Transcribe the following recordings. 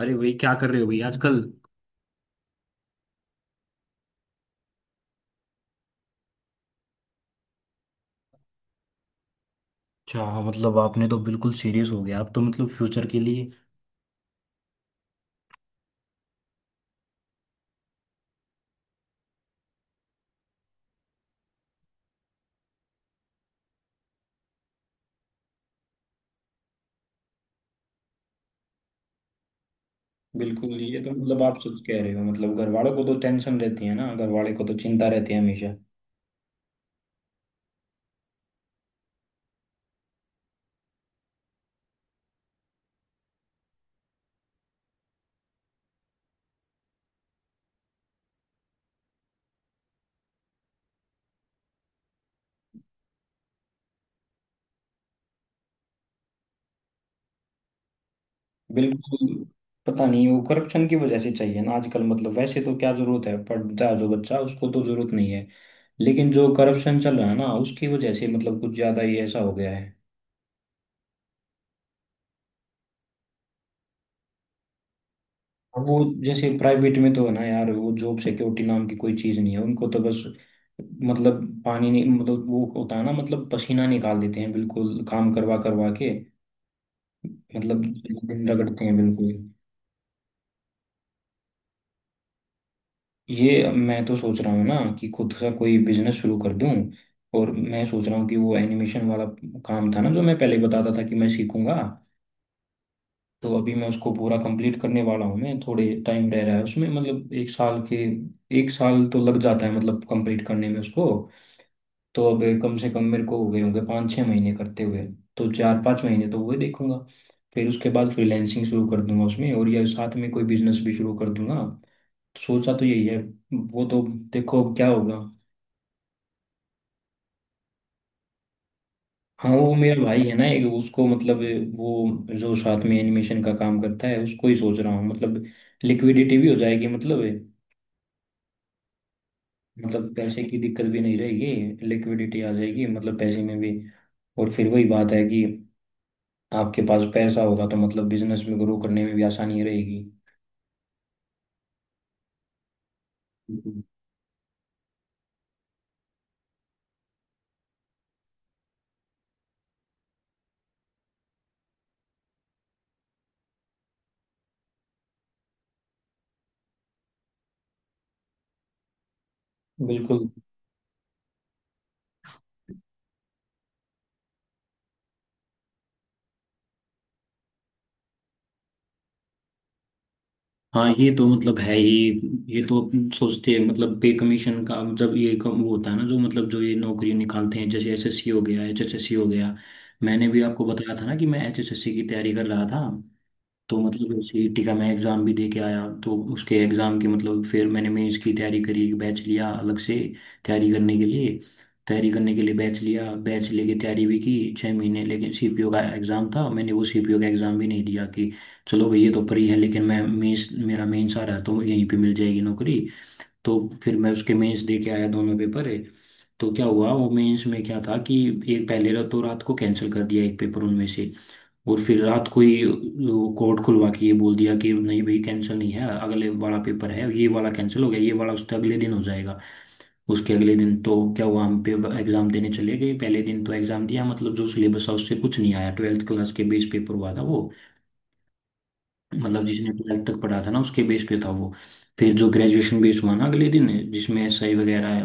अरे भाई क्या कर रहे हो भाई आजकल। अच्छा मतलब आपने तो बिल्कुल सीरियस हो गया आप तो मतलब फ्यूचर के लिए। बिल्कुल ये तो मतलब आप सच कह रहे हो। मतलब घर वालों को तो टेंशन रहती है ना, घर वाले को तो चिंता रहती है हमेशा। बिल्कुल, पता नहीं वो करप्शन की वजह से चाहिए ना आजकल। मतलब वैसे तो क्या जरूरत है, पढ़ता है जो बच्चा उसको तो जरूरत नहीं है, लेकिन जो करप्शन चल रहा है ना उसकी वजह से मतलब कुछ ज्यादा ही ऐसा हो गया है। अब वो जैसे प्राइवेट में तो है ना यार, वो जॉब सिक्योरिटी नाम की कोई चीज़ नहीं है उनको तो, बस मतलब पानी नहीं, मतलब वो होता है ना मतलब पसीना निकाल देते हैं बिल्कुल, काम करवा करवा के मतलब दिन रगड़ते हैं बिल्कुल। ये मैं तो सोच रहा हूँ ना कि खुद का कोई बिजनेस शुरू कर दूं, और मैं सोच रहा हूँ कि वो एनिमेशन वाला काम था ना जो मैं पहले बताता था कि मैं सीखूंगा, तो अभी मैं उसको पूरा कंप्लीट करने वाला हूँ। मैं थोड़े टाइम रह रहा है उसमें मतलब, एक साल के एक साल तो लग जाता है मतलब कंप्लीट करने में उसको। तो अब कम से कम मेरे को हो गए होंगे 5-6 महीने करते हुए, तो 4-5 महीने तो वो देखूंगा। फिर उसके बाद फ्रीलैंसिंग शुरू कर दूंगा उसमें, और या साथ में कोई बिजनेस भी शुरू कर दूंगा। तो सोचा तो यही है, वो तो देखो अब क्या होगा। हाँ वो मेरा भाई है ना एक, उसको मतलब वो जो साथ में एनिमेशन का काम करता है उसको ही सोच रहा हूँ। मतलब लिक्विडिटी भी हो जाएगी, मतलब मतलब पैसे की दिक्कत भी नहीं रहेगी, लिक्विडिटी आ जाएगी मतलब पैसे में भी। और फिर वही बात है कि आपके पास पैसा होगा तो मतलब बिजनेस में ग्रो करने में भी आसानी रहेगी। बिल्कुल बिल्कुल। हाँ ये तो मतलब है ही। ये तो अपन सोचते हैं मतलब पे कमीशन का, जब ये कम वो होता है ना जो मतलब जो ये नौकरी निकालते हैं जैसे एसएससी हो गया, एचएसएससी हो गया। मैंने भी आपको बताया था ना कि मैं एचएसएससी की तैयारी कर रहा था, तो मतलब उसी टीका मैं एग्ज़ाम भी दे के आया। तो उसके एग्ज़ाम की मतलब फिर मैंने मेंस की तैयारी करी, एक बैच लिया अलग से तैयारी करने के लिए। तैयारी करने के लिए बैच लिया, बैच लेके तैयारी भी की 6 महीने। लेकिन सीपीओ का एग्ज़ाम था, मैंने वो सीपीओ का एग्ज़ाम भी नहीं दिया कि चलो भाई ये तो फ्री है, लेकिन मैं मेंस मेरा मेंस आ रहा है तो यहीं पे मिल जाएगी नौकरी। तो फिर मैं उसके मेंस दे के आया, दोनों पेपर है। तो क्या हुआ वो मेंस में क्या था कि एक पहले रात, तो रात को कैंसिल कर दिया एक पेपर उनमें से, और फिर रात को ही कोर्ट खुलवा के ये बोल दिया कि नहीं भाई कैंसिल नहीं है, अगले वाला पेपर है। ये वाला कैंसिल हो गया, ये वाला उसके अगले दिन हो जाएगा। उसके अगले दिन तो क्या हुआ, हम पेपर एग्जाम देने चले गए। पहले दिन तो एग्जाम दिया मतलब, जो सिलेबस था उससे कुछ नहीं आया। ट्वेल्थ क्लास के बेस पेपर हुआ था वो, मतलब जिसने ट्वेल्थ तक पढ़ा था ना उसके बेस पे था वो। फिर जो ग्रेजुएशन बेस हुआ ना अगले दिन, जिसमें एसआई वगैरह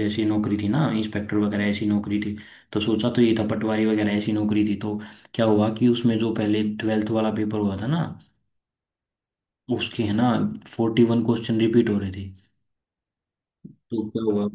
जैसी नौकरी थी ना, इंस्पेक्टर वगैरह ऐसी नौकरी थी। तो सोचा तो ये था पटवारी वगैरह ऐसी नौकरी थी, तो क्या हुआ कि उसमें जो पहले ट्वेल्थ वाला पेपर हुआ था ना उसके, है ना, 41 क्वेश्चन रिपीट हो रहे थे। तो क्या हुआ।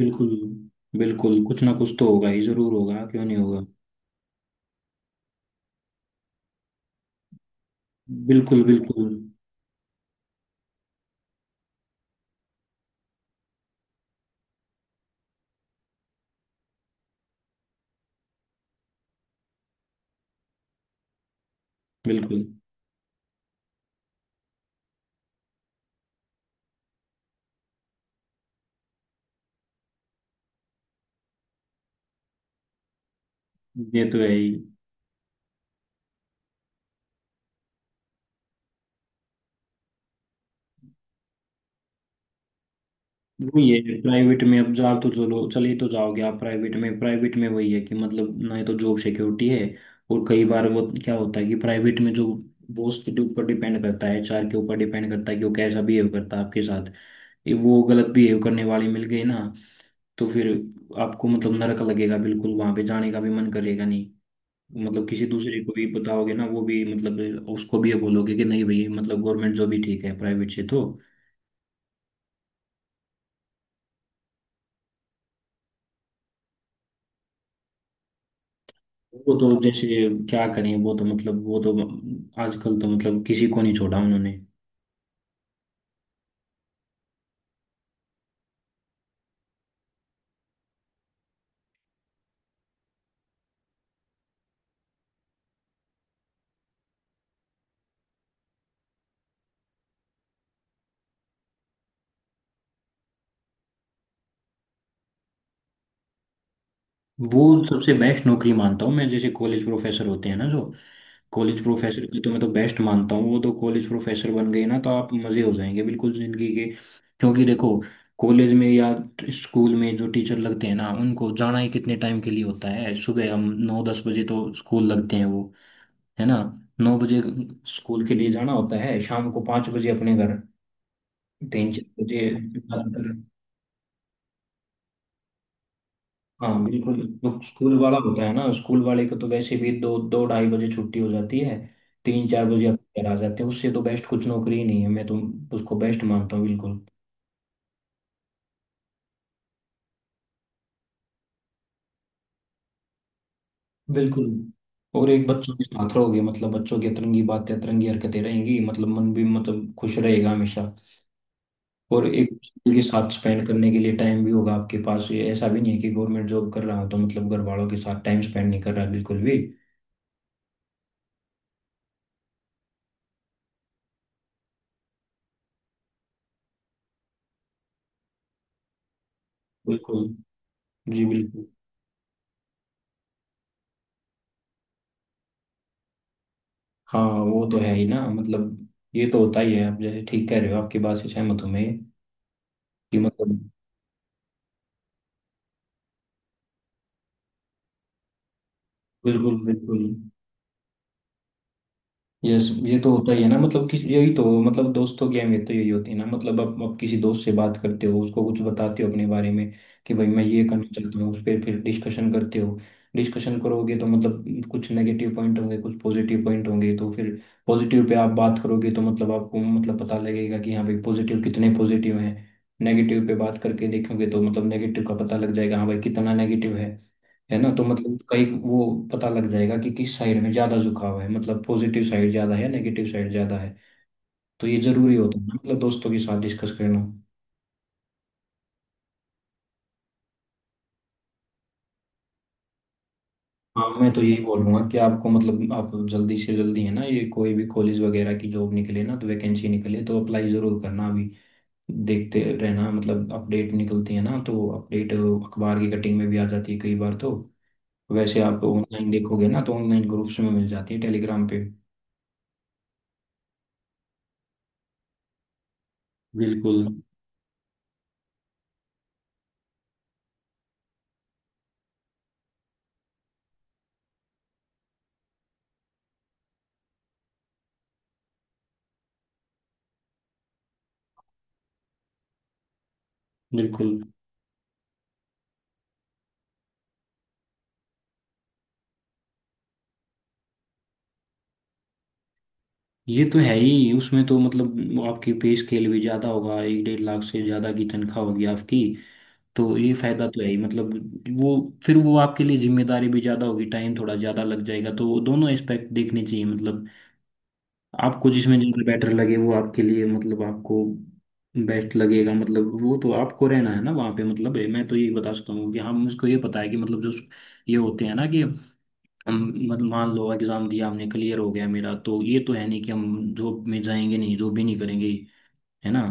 बिल्कुल बिल्कुल, कुछ ना कुछ तो होगा ही, जरूर होगा, क्यों नहीं होगा। बिल्कुल बिल्कुल। बिल्कुल ये तो है ही। वही है प्राइवेट में, अब जा तो चलो चले तो जाओगे आप प्राइवेट में, प्राइवेट में वही है कि मतलब ना ही तो जॉब सिक्योरिटी है। और कई बार वो क्या होता है कि प्राइवेट में जो बॉस के ऊपर डिपेंड करता है, एचआर के ऊपर डिपेंड करता है कि वो कैसा बिहेव करता है आपके साथ। ये वो गलत बिहेव करने वाले मिल गए ना तो फिर आपको मतलब नरक लगेगा बिल्कुल, वहां पे जाने का भी मन करेगा नहीं। मतलब किसी दूसरे को भी बताओगे ना, वो भी मतलब उसको भी ये बोलोगे कि नहीं भाई, मतलब गवर्नमेंट जॉब ही ठीक है प्राइवेट से तो। वो तो जैसे क्या करें, वो तो मतलब वो तो आजकल तो मतलब किसी को नहीं छोड़ा उन्होंने। वो सबसे बेस्ट नौकरी मानता हूँ मैं जैसे कॉलेज प्रोफेसर होते हैं ना जो, कॉलेज प्रोफेसर की तो मैं तो बेस्ट मानता हूँ। वो तो कॉलेज प्रोफेसर बन गए ना तो आप मजे हो जाएंगे बिल्कुल जिंदगी के। क्योंकि देखो कॉलेज में या स्कूल में जो टीचर लगते हैं ना उनको जाना ही कितने टाइम के लिए होता है। सुबह हम 9-10 बजे तो स्कूल लगते हैं वो, है ना, 9 बजे स्कूल के लिए जाना होता है, शाम को 5 बजे अपने घर, 3-4 बजे, बात कर, हाँ बिल्कुल। तो स्कूल वाला होता है ना, स्कूल वाले को तो वैसे भी दो दो ढाई बजे छुट्टी हो जाती है, 3-4 बजे आप घर आ जाते हैं। उससे तो बेस्ट कुछ नौकरी ही नहीं है, मैं तो उसको बेस्ट मानता हूँ बिल्कुल। बिल्कुल, और एक बच्चों के साथ रहोगे मतलब, बच्चों की अतरंगी बातें अतरंगी हरकतें रहेंगी मतलब, मन भी मतलब खुश रहेगा हमेशा। और एक बच्चे के साथ स्पेंड करने के लिए टाइम भी होगा आपके पास। ये ऐसा भी नहीं है कि गवर्नमेंट जॉब कर रहा हूँ तो मतलब घर वालों के साथ टाइम स्पेंड नहीं कर रहा बिल्कुल भी। बिल्कुल, जी बिल्कुल। हाँ वो तो है ही ना मतलब, ये तो होता ही है, आप जैसे ठीक कह रहे हो, आपकी बात से सहमत हूँ मैं कि मतलब। बिल्कुल बिल्कुल। ये ये तो होता ही है ना मतलब कि, यही तो मतलब दोस्तों की अहमियत तो यही होती है ना। मतलब आप किसी दोस्त से बात करते हो उसको कुछ बताते हो अपने बारे में कि भाई मैं ये करना चाहता हूँ, उस पर फिर डिस्कशन करते हो। डिस्कशन करोगे तो मतलब कुछ नेगेटिव पॉइंट होंगे, कुछ पॉजिटिव पॉइंट होंगे, तो फिर पॉजिटिव पे आप बात करोगे तो मतलब आपको मतलब पता लगेगा कि हाँ भाई पॉजिटिव कितने पॉजिटिव हैं। नेगेटिव पे बात करके देखोगे तो मतलब नेगेटिव का पता लग जाएगा, हाँ भाई कितना नेगेटिव है। है ना, तो मतलब कई वो पता लग जाएगा कि किस साइड में ज्यादा झुकाव है। मतलब पॉजिटिव साइड ज्यादा है, नेगेटिव साइड ज्यादा है, तो ये जरूरी होता है ना मतलब दोस्तों के साथ डिस्कस करना। हाँ मैं तो यही बोलूंगा कि आपको मतलब आप जल्दी से जल्दी, है ना, ये कोई भी कॉलेज वगैरह की जॉब निकले ना तो, वैकेंसी निकले तो अप्लाई जरूर करना अभी। देखते रहना मतलब अपडेट निकलती है ना, तो अपडेट अखबार की कटिंग में भी आ जाती है कई बार तो। वैसे आप ऑनलाइन देखोगे ना तो ऑनलाइन ग्रुप्स में मिल जाती है, टेलीग्राम पे। बिल्कुल बिल्कुल, ये तो है ही। उसमें तो मतलब वो आपकी पे स्केल भी ज्यादा होगा, 1-1.5 लाख से ज्यादा की तनख्वाह होगी आपकी। तो ये फायदा तो है ही मतलब। वो फिर वो आपके लिए जिम्मेदारी भी ज्यादा होगी, टाइम थोड़ा ज्यादा लग जाएगा, तो वो दोनों एस्पेक्ट देखने चाहिए मतलब। आपको जिसमें ज्यादा बेटर लगे वो आपके लिए मतलब आपको बेस्ट लगेगा। मतलब वो तो आपको रहना है ना वहाँ पे। मतलब मैं तो यही बता सकता हूँ कि हम उसको ये पता है कि मतलब जो ये होते हैं ना कि, हम मतलब मान लो एग्जाम दिया हमने क्लियर हो गया मेरा, तो ये तो है नहीं कि हम जॉब में जाएंगे नहीं, जॉब भी नहीं करेंगे। है ना,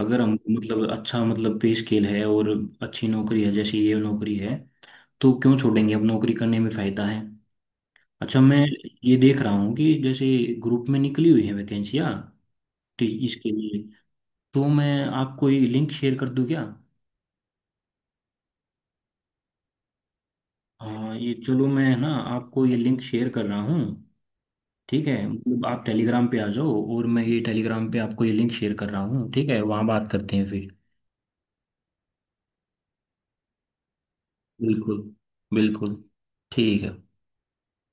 अगर हम मतलब अच्छा मतलब पे स्केल है और अच्छी नौकरी है जैसे ये नौकरी है, तो क्यों छोड़ेंगे, अब नौकरी करने में फायदा है। अच्छा, मैं ये देख रहा हूँ कि जैसे ग्रुप में निकली हुई है वैकेंसियाँ इसके लिए, तो मैं आपको ये लिंक शेयर कर दूँ क्या। हाँ ये चलो, मैं ना आपको ये लिंक शेयर कर रहा हूँ। ठीक है मतलब आप टेलीग्राम पे आ जाओ, और मैं ये टेलीग्राम पे आपको ये लिंक शेयर कर रहा हूँ, ठीक है, वहाँ बात करते हैं फिर। बिल्कुल बिल्कुल। ठीक है।